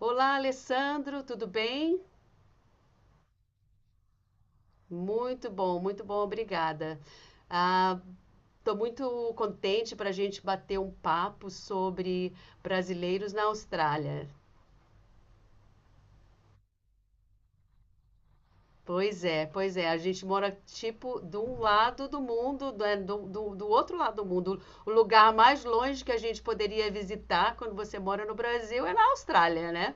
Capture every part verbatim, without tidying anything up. Olá, Alessandro, tudo bem? Muito bom, muito bom, obrigada. Ah, estou muito contente para a gente bater um papo sobre brasileiros na Austrália. Pois é, pois é, a gente mora tipo de um lado do mundo, né, do, do, do outro lado do mundo. O lugar mais longe que a gente poderia visitar quando você mora no Brasil é na Austrália, né?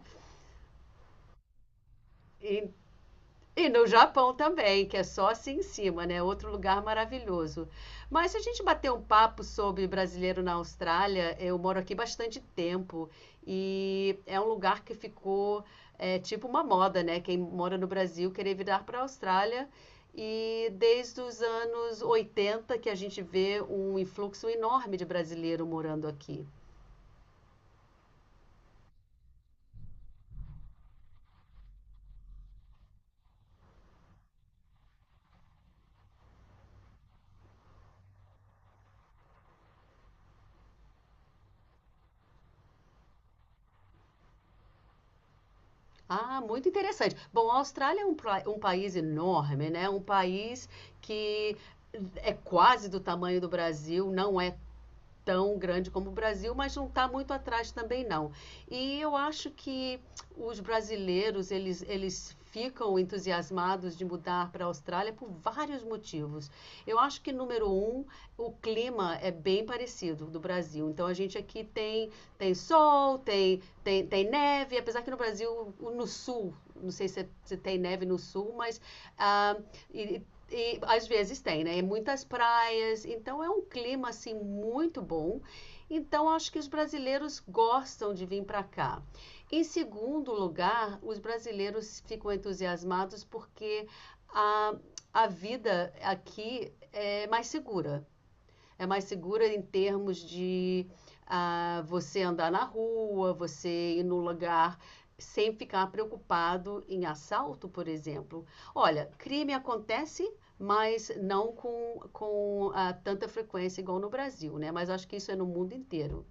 E no Japão também, que é só assim em cima, né? Outro lugar maravilhoso. Mas se a gente bater um papo sobre brasileiro na Austrália, eu moro aqui bastante tempo e é um lugar que ficou é, tipo uma moda, né? Quem mora no Brasil querer virar para a Austrália. E desde os anos oitenta que a gente vê um influxo enorme de brasileiro morando aqui. Ah, muito interessante. Bom, a Austrália é um, pra- um país enorme, né? Um país que é quase do tamanho do Brasil, não é tão grande como o Brasil, mas não está muito atrás também não. E eu acho que os brasileiros, eles, eles ficam entusiasmados de mudar para a Austrália por vários motivos. Eu acho que, número um, o clima é bem parecido do Brasil. Então, a gente aqui tem, tem sol, tem, tem, tem neve, apesar que no Brasil, no sul, não sei se, é, se tem neve no sul, mas ah, e e às vezes tem, né? E muitas praias, então é um clima assim muito bom. Então acho que os brasileiros gostam de vir para cá. Em segundo lugar, os brasileiros ficam entusiasmados porque a, a vida aqui é mais segura, é mais segura em termos de ah, você andar na rua, você ir no lugar sem ficar preocupado em assalto, por exemplo. Olha, crime acontece, mas não com, com ah, tanta frequência igual no Brasil, né? Mas acho que isso é no mundo inteiro.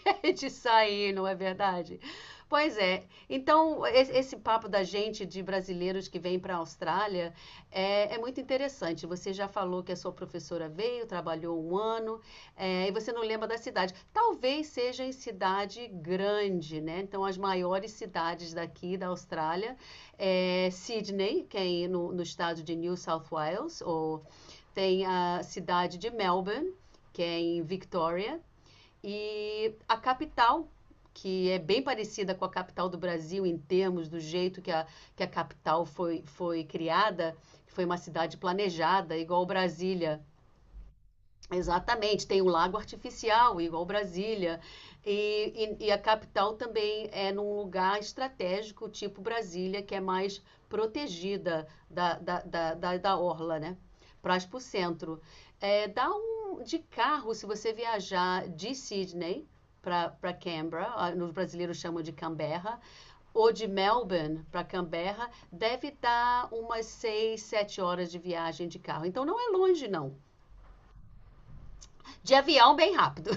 De sair, não é verdade? Pois é. Então, esse papo da gente, de brasileiros que vem para a Austrália, é, é muito interessante. Você já falou que a sua professora veio, trabalhou um ano, é, e você não lembra da cidade. Talvez seja em cidade grande, né? Então, as maiores cidades daqui da Austrália é Sydney, que é aí no, no estado de New South Wales, ou tem a cidade de Melbourne, que é em Victoria, e a capital, que é bem parecida com a capital do Brasil em termos do jeito que a, que a capital foi, foi criada, foi uma cidade planejada, igual Brasília. Exatamente, tem o lago artificial, igual Brasília, e, e, e a capital também é num lugar estratégico, tipo Brasília, que é mais protegida da, da, da, da, da orla, né? Para o centro. É, dá um de carro se você viajar de Sydney para Canberra, ah, os brasileiros chamam de Canberra, ou de Melbourne para Canberra, deve dar umas seis, sete horas de viagem de carro. Então não é longe, não. De avião, bem rápido.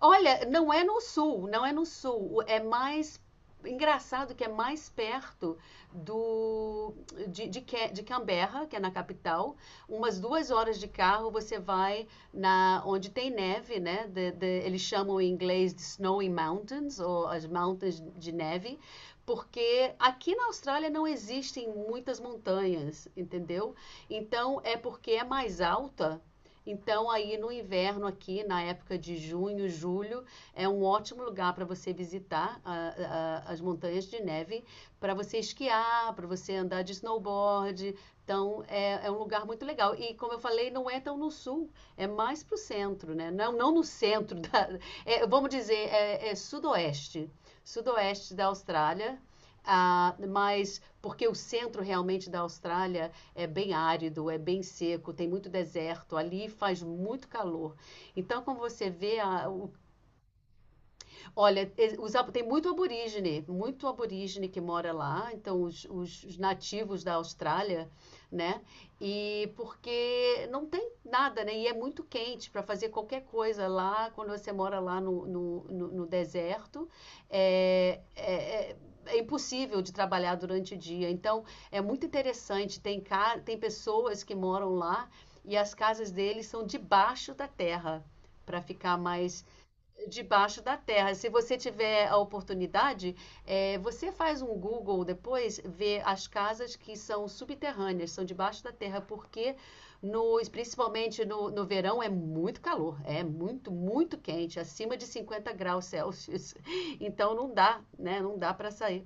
Olha, não é no sul, não é no sul, é mais engraçado, que é mais perto do de, de, Ca- de Canberra, que é na capital. Umas duas horas de carro você vai na onde tem neve, né? The- the- eles chamam em inglês de snowy mountains, ou as Montanhas de neve, porque aqui na Austrália não existem muitas montanhas, entendeu? Então é porque é mais alta. Então, aí no inverno aqui, na época de junho, julho, é um ótimo lugar para você visitar a- a- as montanhas de neve, para você esquiar, para você andar de snowboard. Então, é, é um lugar muito legal. E, como eu falei, não é tão no sul, é mais para o centro, né? Não, não no centro. Da, é, vamos dizer, é, é sudoeste, sudoeste da Austrália. Ah, mas porque o centro realmente da Austrália é bem árido, é bem seco, tem muito deserto, ali faz muito calor. Então, como você vê, a, o olha, os tem muito aborígene, muito aborígene que mora lá, então os, os- os nativos da Austrália, né? E porque não tem nada, né? E é muito quente para fazer qualquer coisa lá. Quando você mora lá no, no- no- no deserto, é, é- é- é impossível de trabalhar durante o dia. Então é muito interessante, tem, ca- tem pessoas que moram lá, e as casas deles são debaixo da terra, para ficar mais. Debaixo da terra. Se você tiver a oportunidade, eh, você faz um Google depois, vê as casas que são subterrâneas, são debaixo da terra, porque nos, principalmente no, no verão é muito calor, é muito, muito quente, acima de cinquenta graus Celsius. Então não dá, né? Não dá para sair.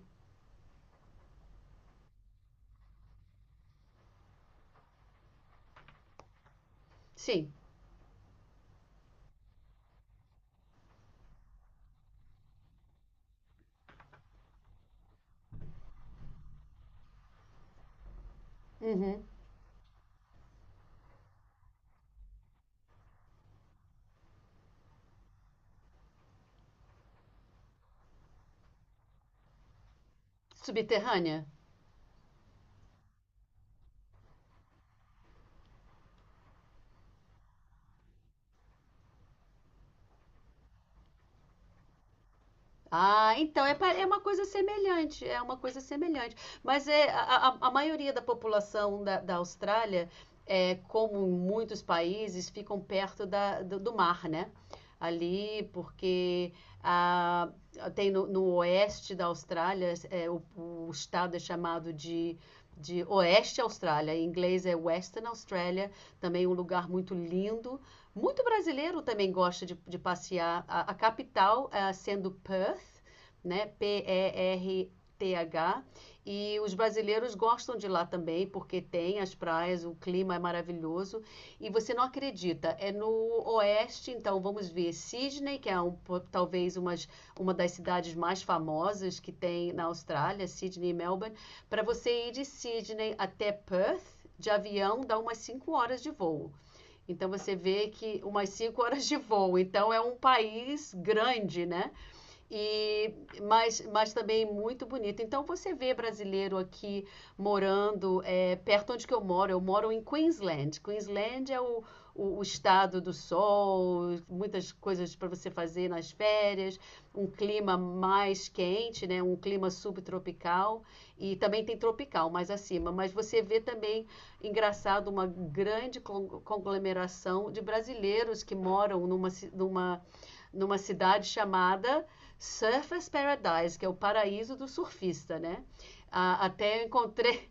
Sim. Uhum. Subterrânea. Ah, então é, pa- é uma coisa semelhante, é uma coisa semelhante. Mas é, a, a- a maioria da população da, da Austrália, é, como em muitos países, ficam perto da, do, do mar, né? Ali, porque ah, tem no, no oeste da Austrália, é, o, o estado é chamado de, de Oeste Austrália, em inglês é Western Australia, também um lugar muito lindo. Muito brasileiro também gosta de, de passear. A, a capital, ah, sendo Perth, né? P E R T H. E R T H. E os brasileiros gostam de lá também, porque tem as praias, o clima é maravilhoso. E você não acredita, é no oeste. Então vamos ver Sydney, que é um, talvez umas, uma das cidades mais famosas que tem na Austrália, Sydney e Melbourne. Para você ir de Sydney até Perth, de avião, dá umas cinco horas de voo. Então você vê que umas cinco horas de voo. Então é um país grande, né? E mas, mas também muito bonito. Então você vê brasileiro aqui morando é, perto onde que eu moro. Eu moro em Queensland. Queensland é o, o, o estado do sol, muitas coisas para você fazer nas férias, um clima mais quente, né? Um clima subtropical, e também tem tropical mais acima. Mas você vê também, engraçado, uma grande conglomeração de brasileiros que moram numa, numa numa cidade chamada Surfer's Paradise, que é o paraíso do surfista, né? Ah, até eu encontrei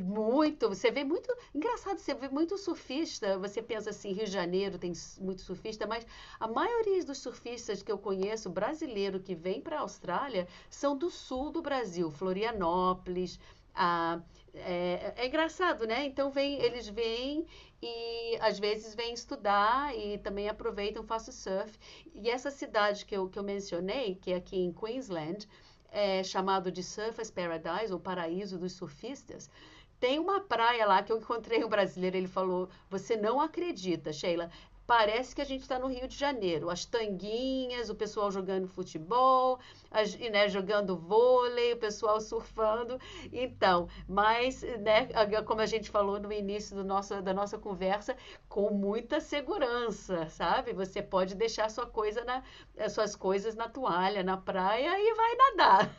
muito, você vê muito. Engraçado, você vê muito surfista. Você pensa assim, Rio de Janeiro tem s- muito surfista, mas a maioria dos surfistas que eu conheço, brasileiro que vem para a Austrália, são do sul do Brasil, Florianópolis. Ah, é, é engraçado, né? Então vem, eles vêm e às vezes vêm estudar e também aproveitam, faço surf. E essa cidade que eu, que eu mencionei, que é aqui em Queensland, é chamado de Surfers Paradise, ou Paraíso dos Surfistas. Tem uma praia lá que eu encontrei um brasileiro, ele falou: "Você não acredita, Sheila, parece que a gente está no Rio de Janeiro. As tanguinhas, o pessoal jogando futebol, as, e, né, jogando vôlei, o pessoal surfando." Então, mas, né, como a gente falou no início do nosso, da nossa conversa, com muita segurança, sabe? Você pode deixar sua coisa na, as suas coisas na toalha, na praia e vai nadar.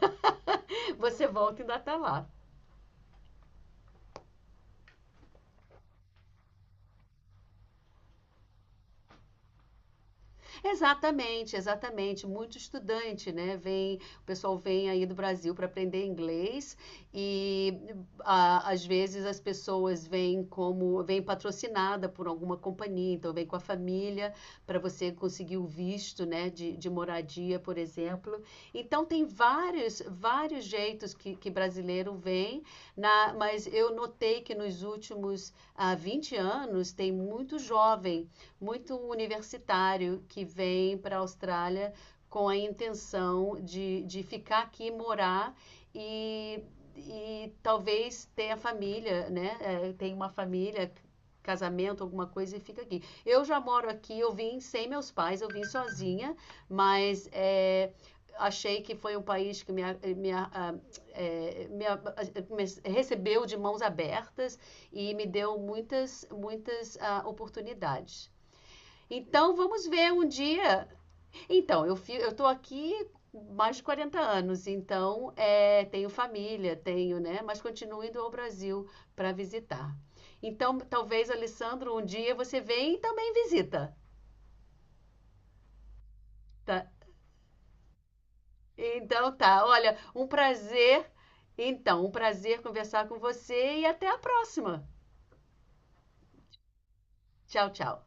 Você volta e ainda está lá. Exatamente, exatamente. Muito estudante, né? Vem, o pessoal vem aí do Brasil para aprender inglês, e ah, às vezes as pessoas vêm como vêm patrocinada por alguma companhia, então vem com a família para você conseguir o visto, né, de, de moradia, por exemplo. Então tem vários, vários jeitos que, que brasileiro vem, na, mas eu notei que nos últimos ah, vinte anos tem muito jovem, muito universitário que vem para a Austrália com a intenção de, de ficar aqui, morar e, e talvez ter a família, né? É, tem uma família, casamento, alguma coisa, e fica aqui. Eu já moro aqui, eu vim sem meus pais, eu vim sozinha, mas é, achei que foi um país que me, me é, me me recebeu de mãos abertas e me deu muitas, muitas ah, oportunidades. Então vamos ver um dia. Então, eu fi, eu estou aqui mais de quarenta anos, então é, tenho família, tenho, né? Mas continuo indo ao Brasil para visitar. Então, talvez, Alessandro, um dia você vem e também visita, tá? Então tá, olha, um prazer. Então, um prazer conversar com você, e até a próxima. Tchau, tchau.